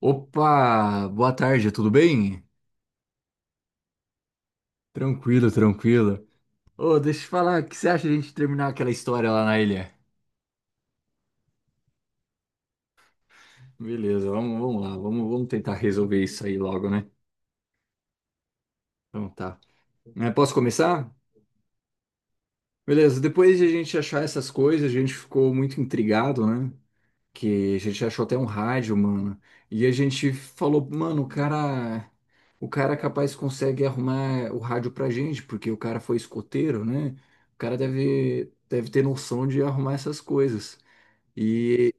Opa, boa tarde, tudo bem? Tranquilo. Ô, deixa eu te falar, o que você acha de a gente terminar aquela história lá na ilha? Beleza, vamos lá, vamos tentar resolver isso aí logo, né? Então tá. Posso começar? Beleza, depois de a gente achar essas coisas, a gente ficou muito intrigado, né? Que a gente achou até um rádio, mano. E a gente falou, mano, o cara capaz consegue arrumar o rádio pra gente, porque o cara foi escoteiro, né? O cara deve ter noção de arrumar essas coisas. E,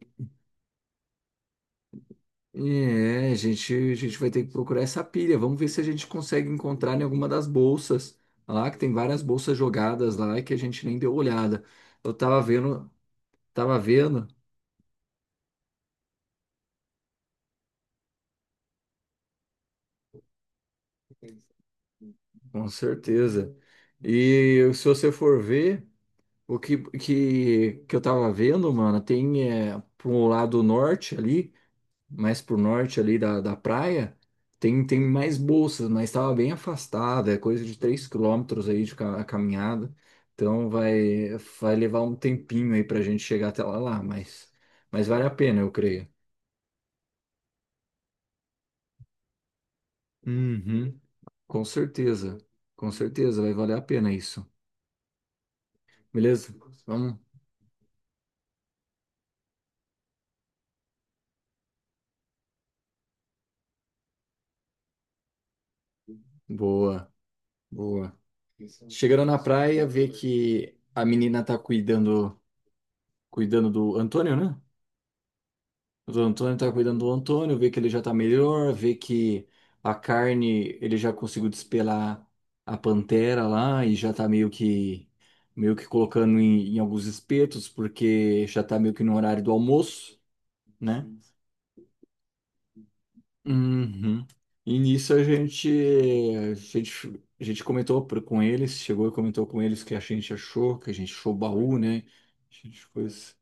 e a gente vai ter que procurar essa pilha. Vamos ver se a gente consegue encontrar em alguma das bolsas lá, que tem várias bolsas jogadas lá e que a gente nem deu olhada. Eu tava vendo, Tava vendo, com certeza. E se você for ver. O que eu tava vendo, mano, pro lado norte ali, mais pro norte ali da praia, tem mais bolsas, mas tava bem afastada, é coisa de 3 quilômetros aí de caminhada. Então vai levar um tempinho aí pra gente chegar até lá, mas vale a pena, eu creio. Uhum, com certeza, com certeza, vai valer a pena isso. Beleza? Vamos? Boa, boa. Chegaram na praia, vê que a menina tá cuidando do Antônio, né? O Antônio tá cuidando do Antônio, vê que ele já tá melhor, vê que a carne, ele já conseguiu despelar a pantera lá e já tá meio que colocando em alguns espetos, porque já tá meio que no horário do almoço, né? Uhum. E nisso a gente comentou com eles, chegou e comentou com eles que que a gente achou o baú, né? A gente pôs...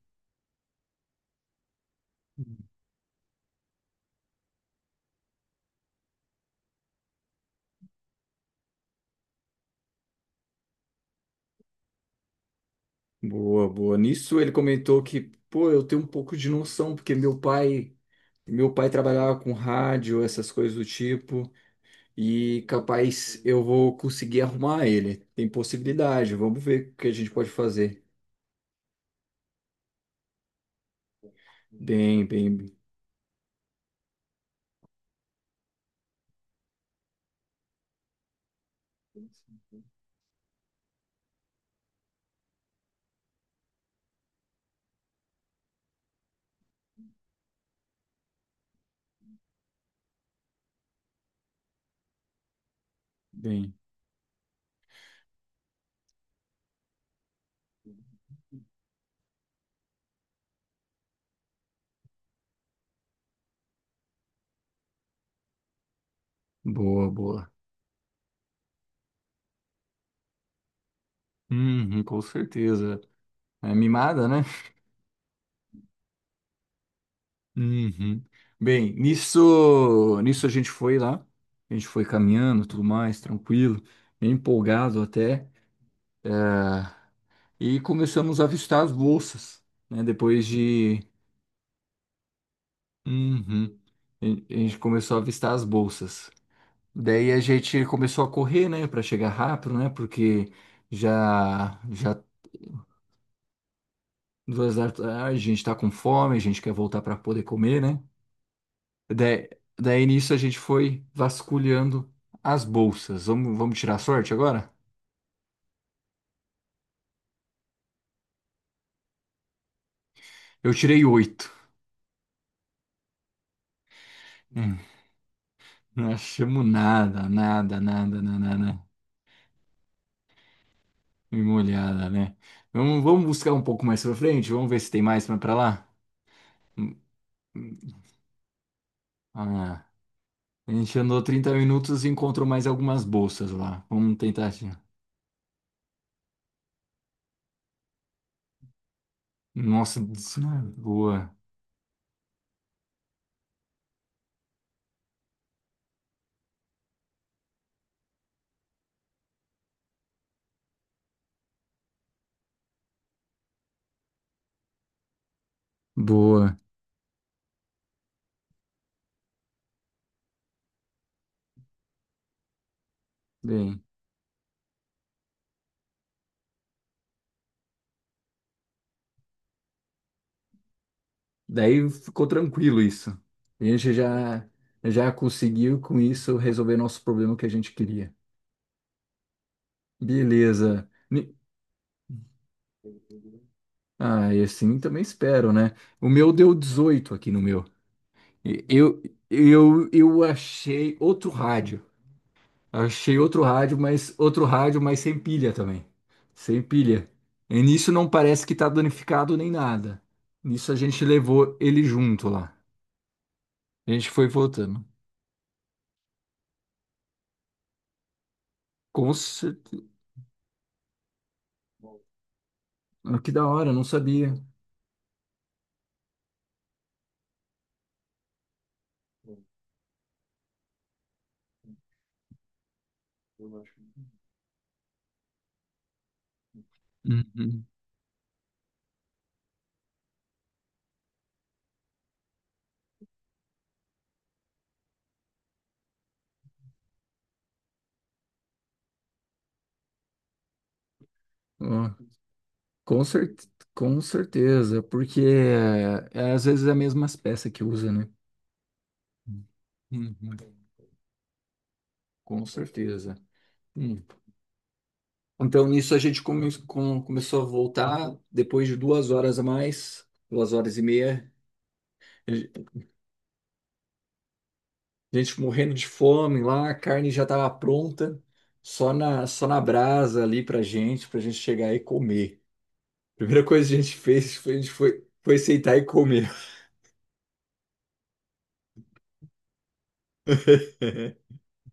Boa, boa. Nisso ele comentou que, pô, eu tenho um pouco de noção, porque meu pai trabalhava com rádio, essas coisas do tipo, e capaz eu vou conseguir arrumar ele. Tem possibilidade, vamos ver o que a gente pode fazer. Bem, bem, bem. Boa, boa. Uhum, com certeza. É mimada, né? Uhum. Bem, nisso a gente foi lá, a gente foi caminhando, tudo mais, tranquilo, bem empolgado até, é, e começamos a avistar as bolsas, né? Depois de uhum, a a gente começou a avistar as bolsas. Daí a gente começou a correr, né, para chegar rápido, né? Porque já duas da tarde, a gente tá com fome, a gente quer voltar para poder comer, né? Daí, daí nisso a gente foi vasculhando as bolsas. Vamos, vamos tirar a sorte agora? Eu tirei oito. Hum, não achamos nada, nada, nada, nada, nada. Dei uma olhada, né? Vamos, vamos buscar um pouco mais pra frente? Vamos ver se tem mais pra lá? Hum, hum. Ah, a gente andou 30 minutos e encontrou mais algumas bolsas lá. Vamos tentar. Nossa, isso não é boa. Boa. Bem. Daí ficou tranquilo isso. A gente já conseguiu com isso resolver nosso problema que a gente queria. Beleza. Ni- Ah, e assim também espero, né? O meu deu 18 aqui no meu. E- Eu achei outro rádio. Achei outro rádio, mas sem pilha também. Sem pilha. E nisso não parece que tá danificado nem nada. Nisso a gente levou ele junto lá. A gente foi voltando. Com certeza. Ah, que da hora, não sabia. Bom, eu acho. Uhum. Ó, com cer Com certeza, porque é, às vezes é a mesma peça que usa, né? Uhum. Com certeza. Hum. Então, nisso a gente começou a voltar depois de duas horas a mais, duas horas e meia. A gen- a gente morrendo de fome lá, a carne já estava pronta, só na brasa ali pra gente chegar e comer. A primeira coisa que a gente fez foi, foi sentar e comer.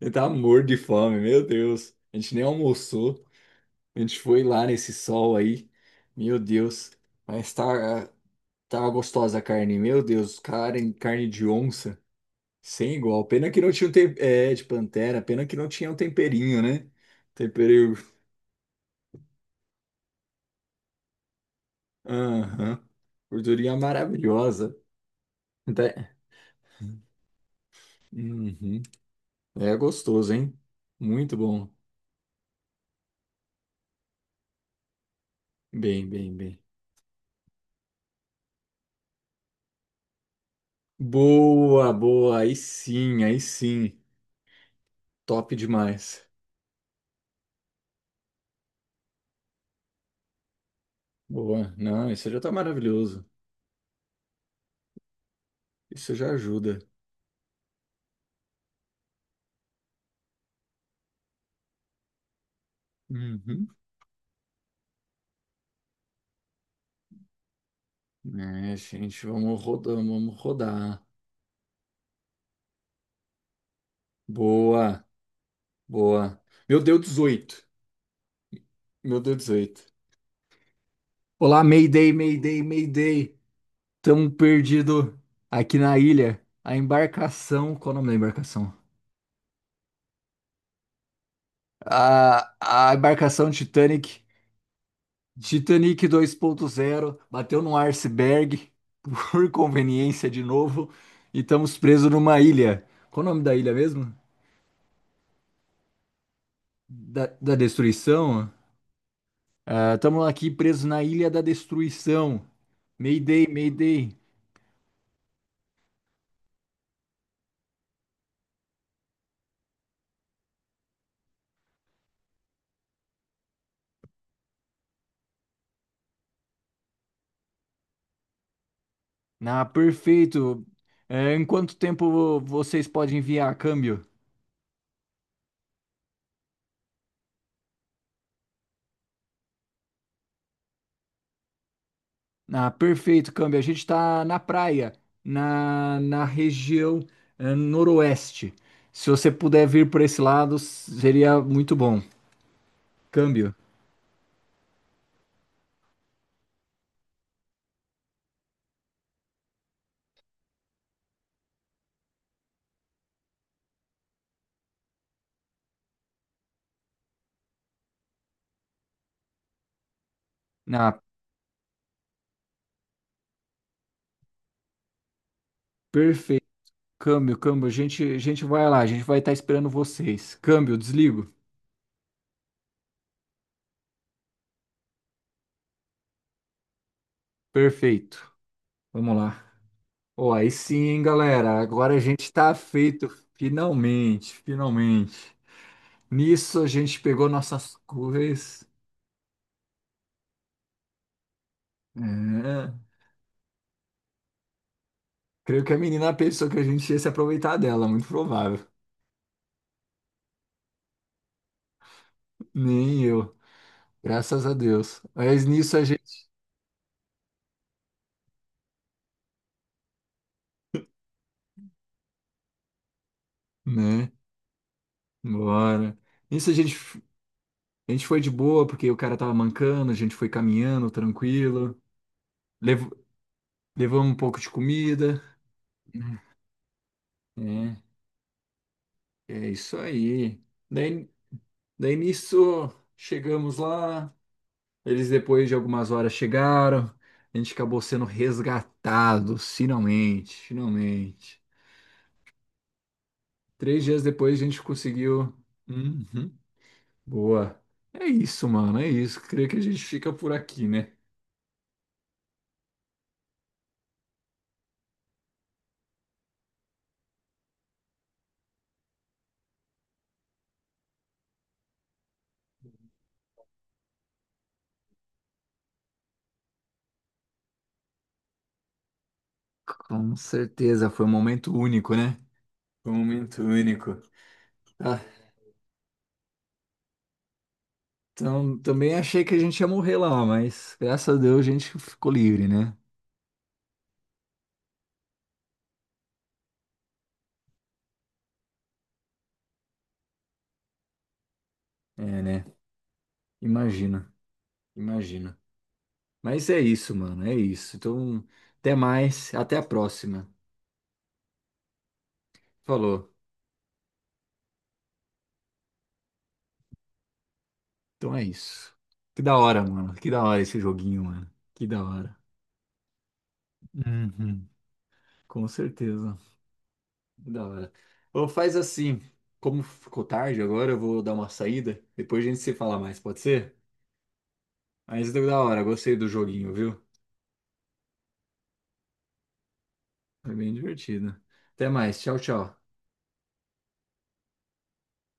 Ele tá morto de fome, meu Deus. A gente nem almoçou. A gente foi lá nesse sol aí. Meu Deus. Mas tá, tá gostosa a carne. Meu Deus, carne de onça. Sem igual. Pena que não tinha um tem... É, de pantera. Pena que não tinha um temperinho, né? Tempero. Aham. Gordurinha maravilhosa. Até- Uhum. É gostoso, hein? Muito bom. Bem, bem, bem. Boa, boa. Aí sim, aí sim. Top demais. Boa. Não, isso já tá maravilhoso. Isso já ajuda. Uhum. É, gente, vamos rodar, vamos rodar. Boa, boa. Meu deu 18. Meu deu 18. Olá, Mayday, Mayday, Mayday. Tamo perdido aqui na ilha. A embarcação. Qual o nome da embarcação? A embarcação Titanic 2.0 bateu num iceberg por conveniência de novo e estamos presos numa ilha. Qual o nome da ilha mesmo? Da destruição? Ah, estamos aqui presos na ilha da destruição. Mayday, Mayday. Na perfeito. É, em quanto tempo vocês podem enviar câmbio? Ah, perfeito, câmbio. A gente está na praia, na região noroeste. Se você puder vir por esse lado, seria muito bom. Câmbio. Ah, perfeito. Câmbio, câmbio. A gente vai lá, a gente vai estar esperando vocês. Câmbio, desligo. Perfeito. Vamos lá. Ó, aí sim, hein, galera. Agora a gente está feito. Finalmente, finalmente. Nisso a gente pegou nossas coisas. É. Creio que a menina pensou que a gente ia se aproveitar dela, muito provável. Nem eu, graças a Deus. Mas nisso a gente, né? Bora. Nisso a gente, a gente foi de boa, porque o cara tava mancando, a gente foi caminhando tranquilo. Lev- Levamos um pouco de comida. É, é isso aí. Daí, daí nisso chegamos lá. Eles depois de algumas horas chegaram. A gente acabou sendo resgatado, finalmente, finalmente. Três dias depois a gente conseguiu. Uhum. Boa. É isso, mano. É isso. Creio que a gente fica por aqui, né? Com certeza. Foi um momento único, né? Foi um momento único. Ah, então, também achei que a gente ia morrer lá, mas graças a Deus a gente ficou livre, né? É, né? Imagina. Imagina. Mas é isso, mano. É isso. Então, até mais. Até a próxima. Falou. Então é isso. Que da hora, mano. Que da hora esse joguinho, mano. Que da hora. Uhum. Com certeza. Da hora. Ou faz assim, como ficou tarde agora, eu vou dar uma saída. Depois a gente se fala mais, pode ser? Mas deu da hora, gostei do joguinho, viu? Foi bem divertido. Até mais, tchau, tchau.